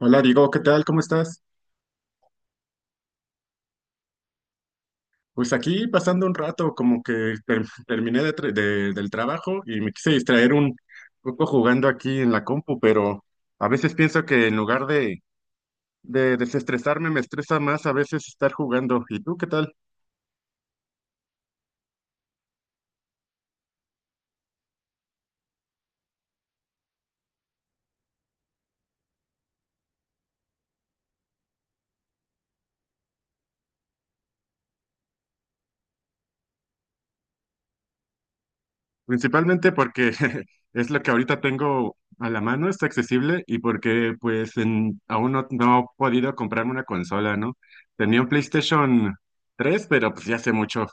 Hola Diego, ¿qué tal? ¿Cómo estás? Pues aquí pasando un rato, como que terminé del trabajo y me quise distraer un poco jugando aquí en la compu, pero a veces pienso que en lugar de desestresarme, me estresa más a veces estar jugando. ¿Y tú qué tal? Principalmente porque es lo que ahorita tengo a la mano, está accesible y porque aún no he podido comprarme una consola, ¿no? Tenía un PlayStation tres, pero pues ya hace mucho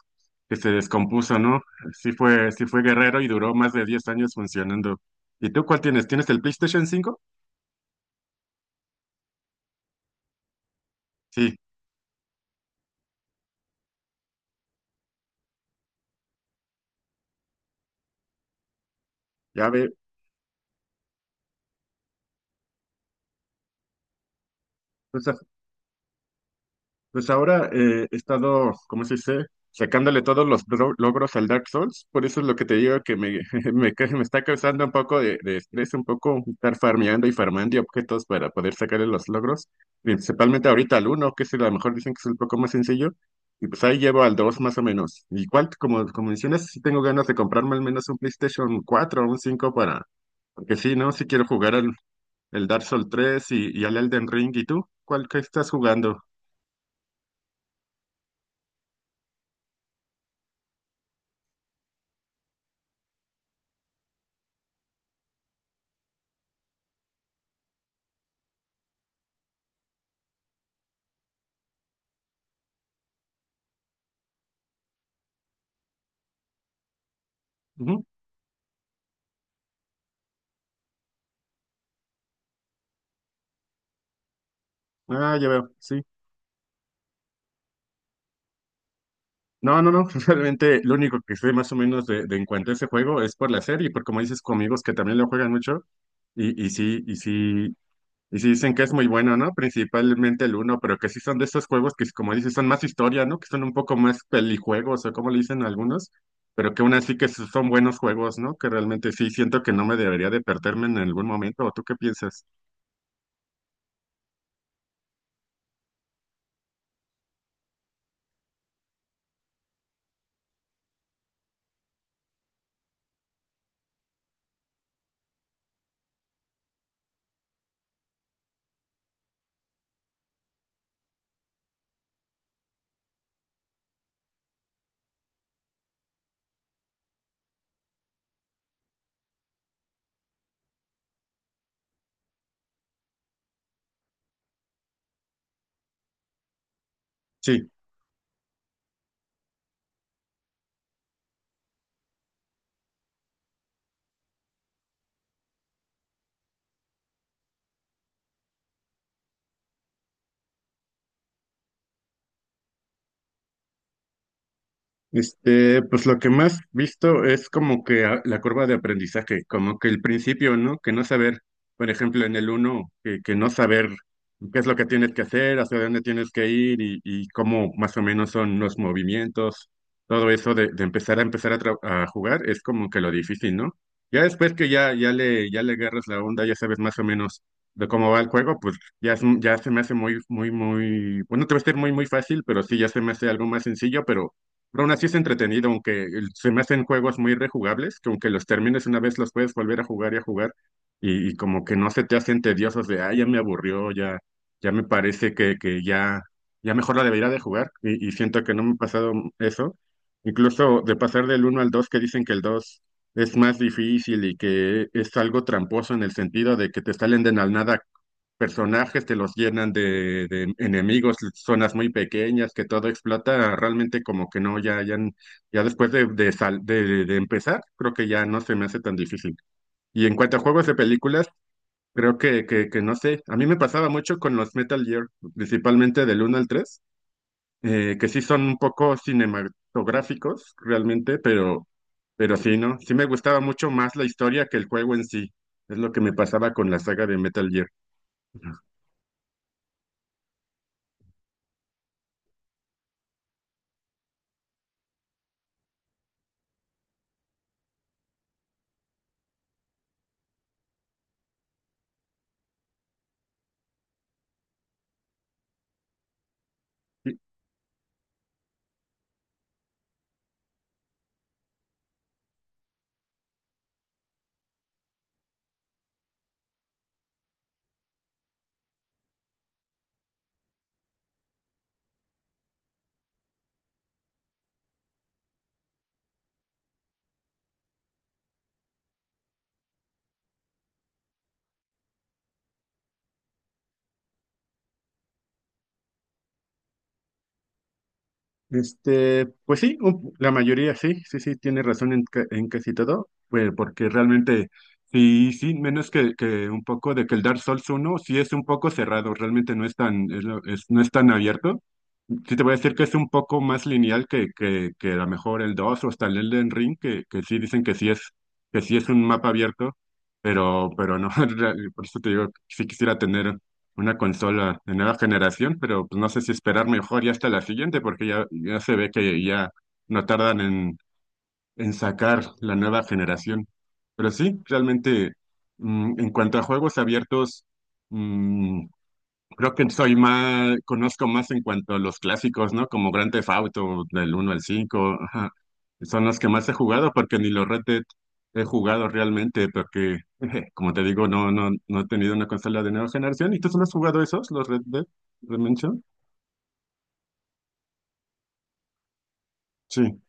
que se descompuso, ¿no? Sí fue guerrero y duró más de 10 años funcionando. ¿Y tú cuál tienes? ¿Tienes el PlayStation cinco? Sí, ya ve. pues, Pues ahora he estado, ¿cómo se dice? Sacándole todos los logros al Dark Souls. Por eso es lo que te digo que me, me está causando un poco de estrés, un poco estar farmeando y farmeando y objetos para poder sacarle los logros. Principalmente ahorita al uno que a lo mejor dicen que es un poco más sencillo. Y pues ahí llevo al 2 más o menos. Igual, como mencionas, sí tengo ganas de comprarme al menos un PlayStation cuatro o un 5 para... Porque sí, ¿no? Sí quiero jugar al el Dark Souls tres y al Elden Ring. ¿Y tú? ¿Cuál que estás jugando? Ah, ya veo, sí. No, realmente lo único que sé más o menos de en cuanto a ese juego es por la serie, por como dices, con amigos que también lo juegan mucho y, y sí, y sí, y sí dicen que es muy bueno, ¿no? Principalmente el uno, pero que sí son de esos juegos que, como dices, son más historia, ¿no? Que son un poco más pelijuegos o como le dicen algunos, pero que aún así son buenos juegos, ¿no? Que realmente sí siento que no me debería de perderme en algún momento. ¿O tú qué piensas? Sí. Este, pues lo que más visto es como que la curva de aprendizaje, como que el principio, ¿no? Que no saber, por ejemplo, en el uno, que no saber qué es lo que tienes que hacer, hacia dónde tienes que ir y cómo más o menos son los movimientos, todo eso de empezar a jugar es como que lo difícil, ¿no? Ya después que ya le agarras la onda, ya sabes más o menos de cómo va el juego, pues ya, ya se me hace bueno, te va a ser muy fácil, pero sí, ya se me hace algo más sencillo, pero aún así es entretenido, aunque se me hacen juegos muy rejugables, que aunque los termines una vez los puedes volver a jugar y a jugar, y como que no se te hacen tediosos de, ah, ya me aburrió, ya, ya me parece que ya, ya mejor la debería de jugar, y siento que no me ha pasado eso. Incluso de pasar del uno al dos, que dicen que el 2 es más difícil y que es algo tramposo en el sentido de que te salen de la nada personajes, te los llenan de enemigos, zonas muy pequeñas, que todo explota, realmente como que no, ya, ya, ya después de, sal- de empezar, creo que ya no se me hace tan difícil. Y en cuanto a juegos de películas, creo que no sé, a mí me pasaba mucho con los Metal Gear, principalmente del uno al tres, que sí son un poco cinematográficos realmente, pero sí, ¿no? Sí me gustaba mucho más la historia que el juego en sí. Es lo que me pasaba con la saga de Metal Gear. Ujú. Sí. Este, pues sí, la mayoría sí, tiene razón en casi todo, pues porque realmente sí, menos que un poco de que el Dark Souls 1 sí es un poco cerrado, realmente no es tan, no es tan abierto. Sí, te voy a decir que es un poco más lineal que a lo mejor el 2 o hasta el Elden Ring, que sí dicen que sí es un mapa abierto, pero no, por eso te digo, sí quisiera tener una consola de nueva generación, pero pues, no sé si esperar mejor ya hasta la siguiente, porque ya se ve que ya no tardan en sacar la nueva generación. Pero sí, realmente, en cuanto a juegos abiertos, mm, creo que soy más, conozco más en cuanto a los clásicos, ¿no? Como Grand Theft Auto, del uno al 5, ajá. Son los que más he jugado porque ni los Red Dead he jugado realmente porque, como te digo, no he tenido una consola de nueva generación. ¿Y tú solo has jugado esos, los Red Dead Redemption? Sí.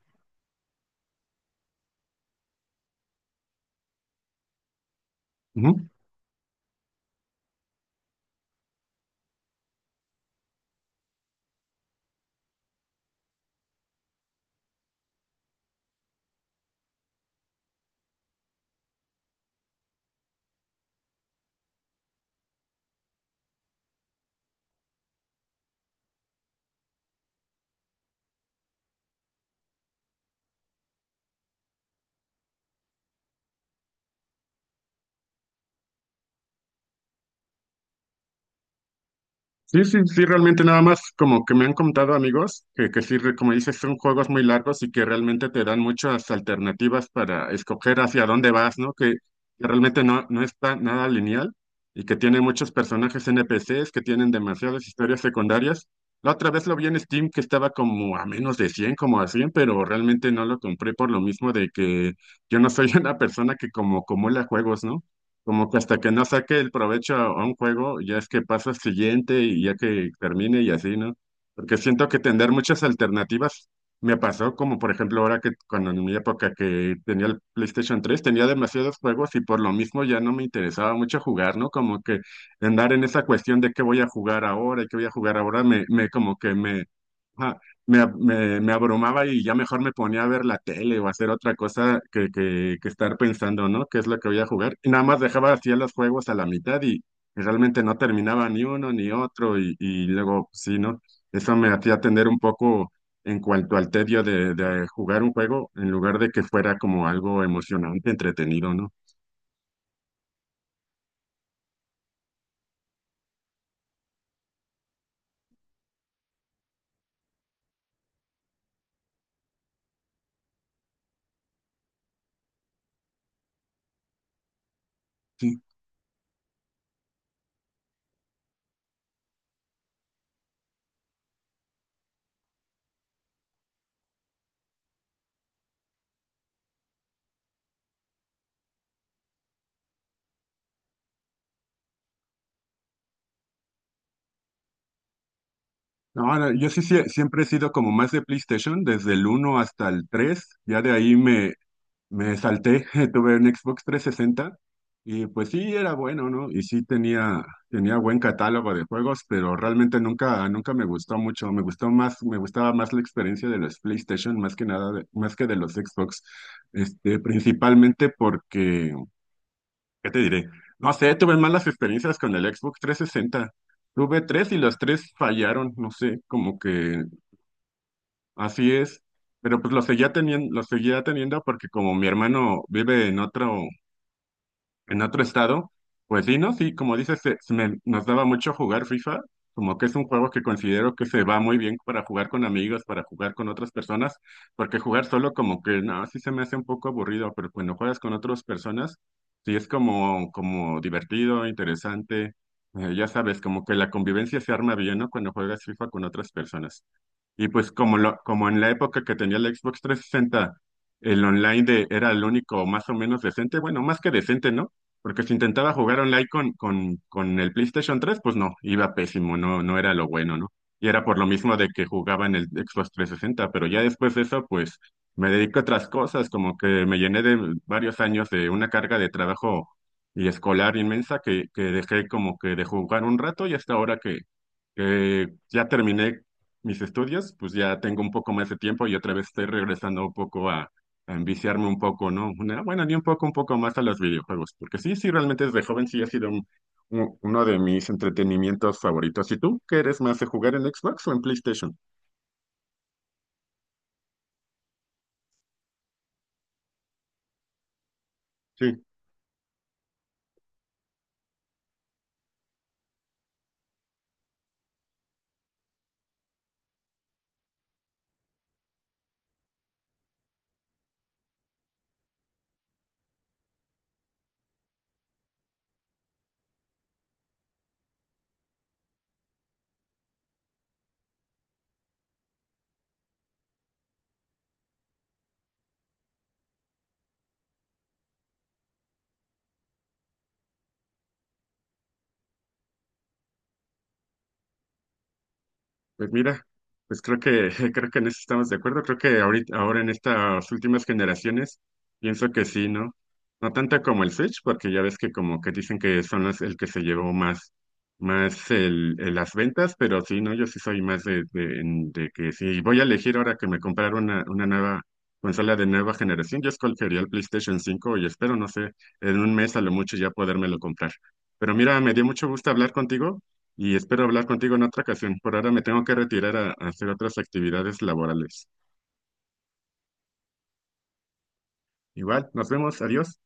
Sí, sí, sí, realmente nada más como que me han contado amigos que sí, como dices, son juegos muy largos y que realmente te dan muchas alternativas para escoger hacia dónde vas, ¿no? Que realmente no, no está nada lineal y que tiene muchos personajes NPCs que tienen demasiadas historias secundarias. La otra vez lo vi en Steam que estaba como a menos de cien, como a 100, pero realmente no lo compré por lo mismo de que yo no soy una persona que como acumula juegos, ¿no? Como que hasta que no saque el provecho a un juego, ya es que pasa al siguiente y ya que termine y así, ¿no? Porque siento que tener muchas alternativas me pasó, como por ejemplo ahora que cuando en mi época que tenía el PlayStation tres tenía demasiados juegos y por lo mismo ya no me interesaba mucho jugar, ¿no? Como que andar en esa cuestión de qué voy a jugar ahora y qué voy a jugar ahora, me como que me, ajá, me abrumaba y ya mejor me ponía a ver la tele o hacer otra cosa que estar pensando, ¿no? ¿Qué es lo que voy a jugar? Y nada más dejaba así los juegos a la mitad y realmente no terminaba ni uno ni otro y luego, pues, sí, ¿no? Eso me hacía tener un poco en cuanto al tedio de jugar un juego en lugar de que fuera como algo emocionante, entretenido, ¿no? Sí. No, no, yo sí, siempre he sido como más de PlayStation, desde el uno hasta el tres. Ya de ahí me salté, tuve un Xbox trescientos sesenta y pues sí era bueno, ¿no? Tenía buen catálogo de juegos, pero realmente nunca me gustó mucho. Me gustaba más la experiencia de los PlayStation, más que nada, más que de los Xbox. Este, principalmente porque, ¿qué te diré? No sé, tuve malas experiencias con el Xbox trescientos sesenta. Tuve tres y los tres fallaron, no sé, como que así es. Pero pues lo seguía teniendo porque como mi hermano vive en otro, en otro estado, pues sí, ¿no? Sí, como dices, nos daba mucho jugar FIFA, como que es un juego que considero que se va muy bien para jugar con amigos, para jugar con otras personas, porque jugar solo como que, no, sí se me hace un poco aburrido, pero cuando juegas con otras personas, sí es como, como divertido, interesante, ya sabes, como que la convivencia se arma bien, ¿no? Cuando juegas FIFA con otras personas. Y pues como lo, como en la época que tenía el Xbox 360, el online era el único más o menos decente, bueno, más que decente, ¿no? Porque si intentaba jugar online con el PlayStation 3, pues no, iba pésimo, no, no era lo bueno, ¿no? Y era por lo mismo de que jugaba en el Xbox 360, pero ya después de eso, pues me dedico a otras cosas, como que me llené de varios años de una carga de trabajo y escolar inmensa que dejé como que de jugar un rato y hasta ahora que ya terminé mis estudios, pues ya tengo un poco más de tiempo y otra vez estoy regresando un poco a enviciarme un poco, ¿no? Una- bueno, ni un poco, un poco más a los videojuegos, porque sí, sí, realmente desde joven sí ha sido uno de mis entretenimientos favoritos. ¿Y tú, qué eres más de jugar en Xbox o en PlayStation? Sí. Pues mira, pues creo que creo que en eso estamos de acuerdo. Creo que ahorita, ahora en estas últimas generaciones, pienso que sí, ¿no? No tanto como el Switch, porque ya ves que como que dicen que son las, el que se llevó más, más las ventas, pero sí, ¿no? Yo sí soy más de que si voy a elegir ahora que me comprar una nueva consola de nueva generación, yo escogería el PlayStation 5 y espero, no sé, en un mes a lo mucho ya podérmelo comprar. Pero mira, me dio mucho gusto hablar contigo y espero hablar contigo en otra ocasión. Por ahora me tengo que retirar a hacer otras actividades laborales. Igual, nos vemos, adiós.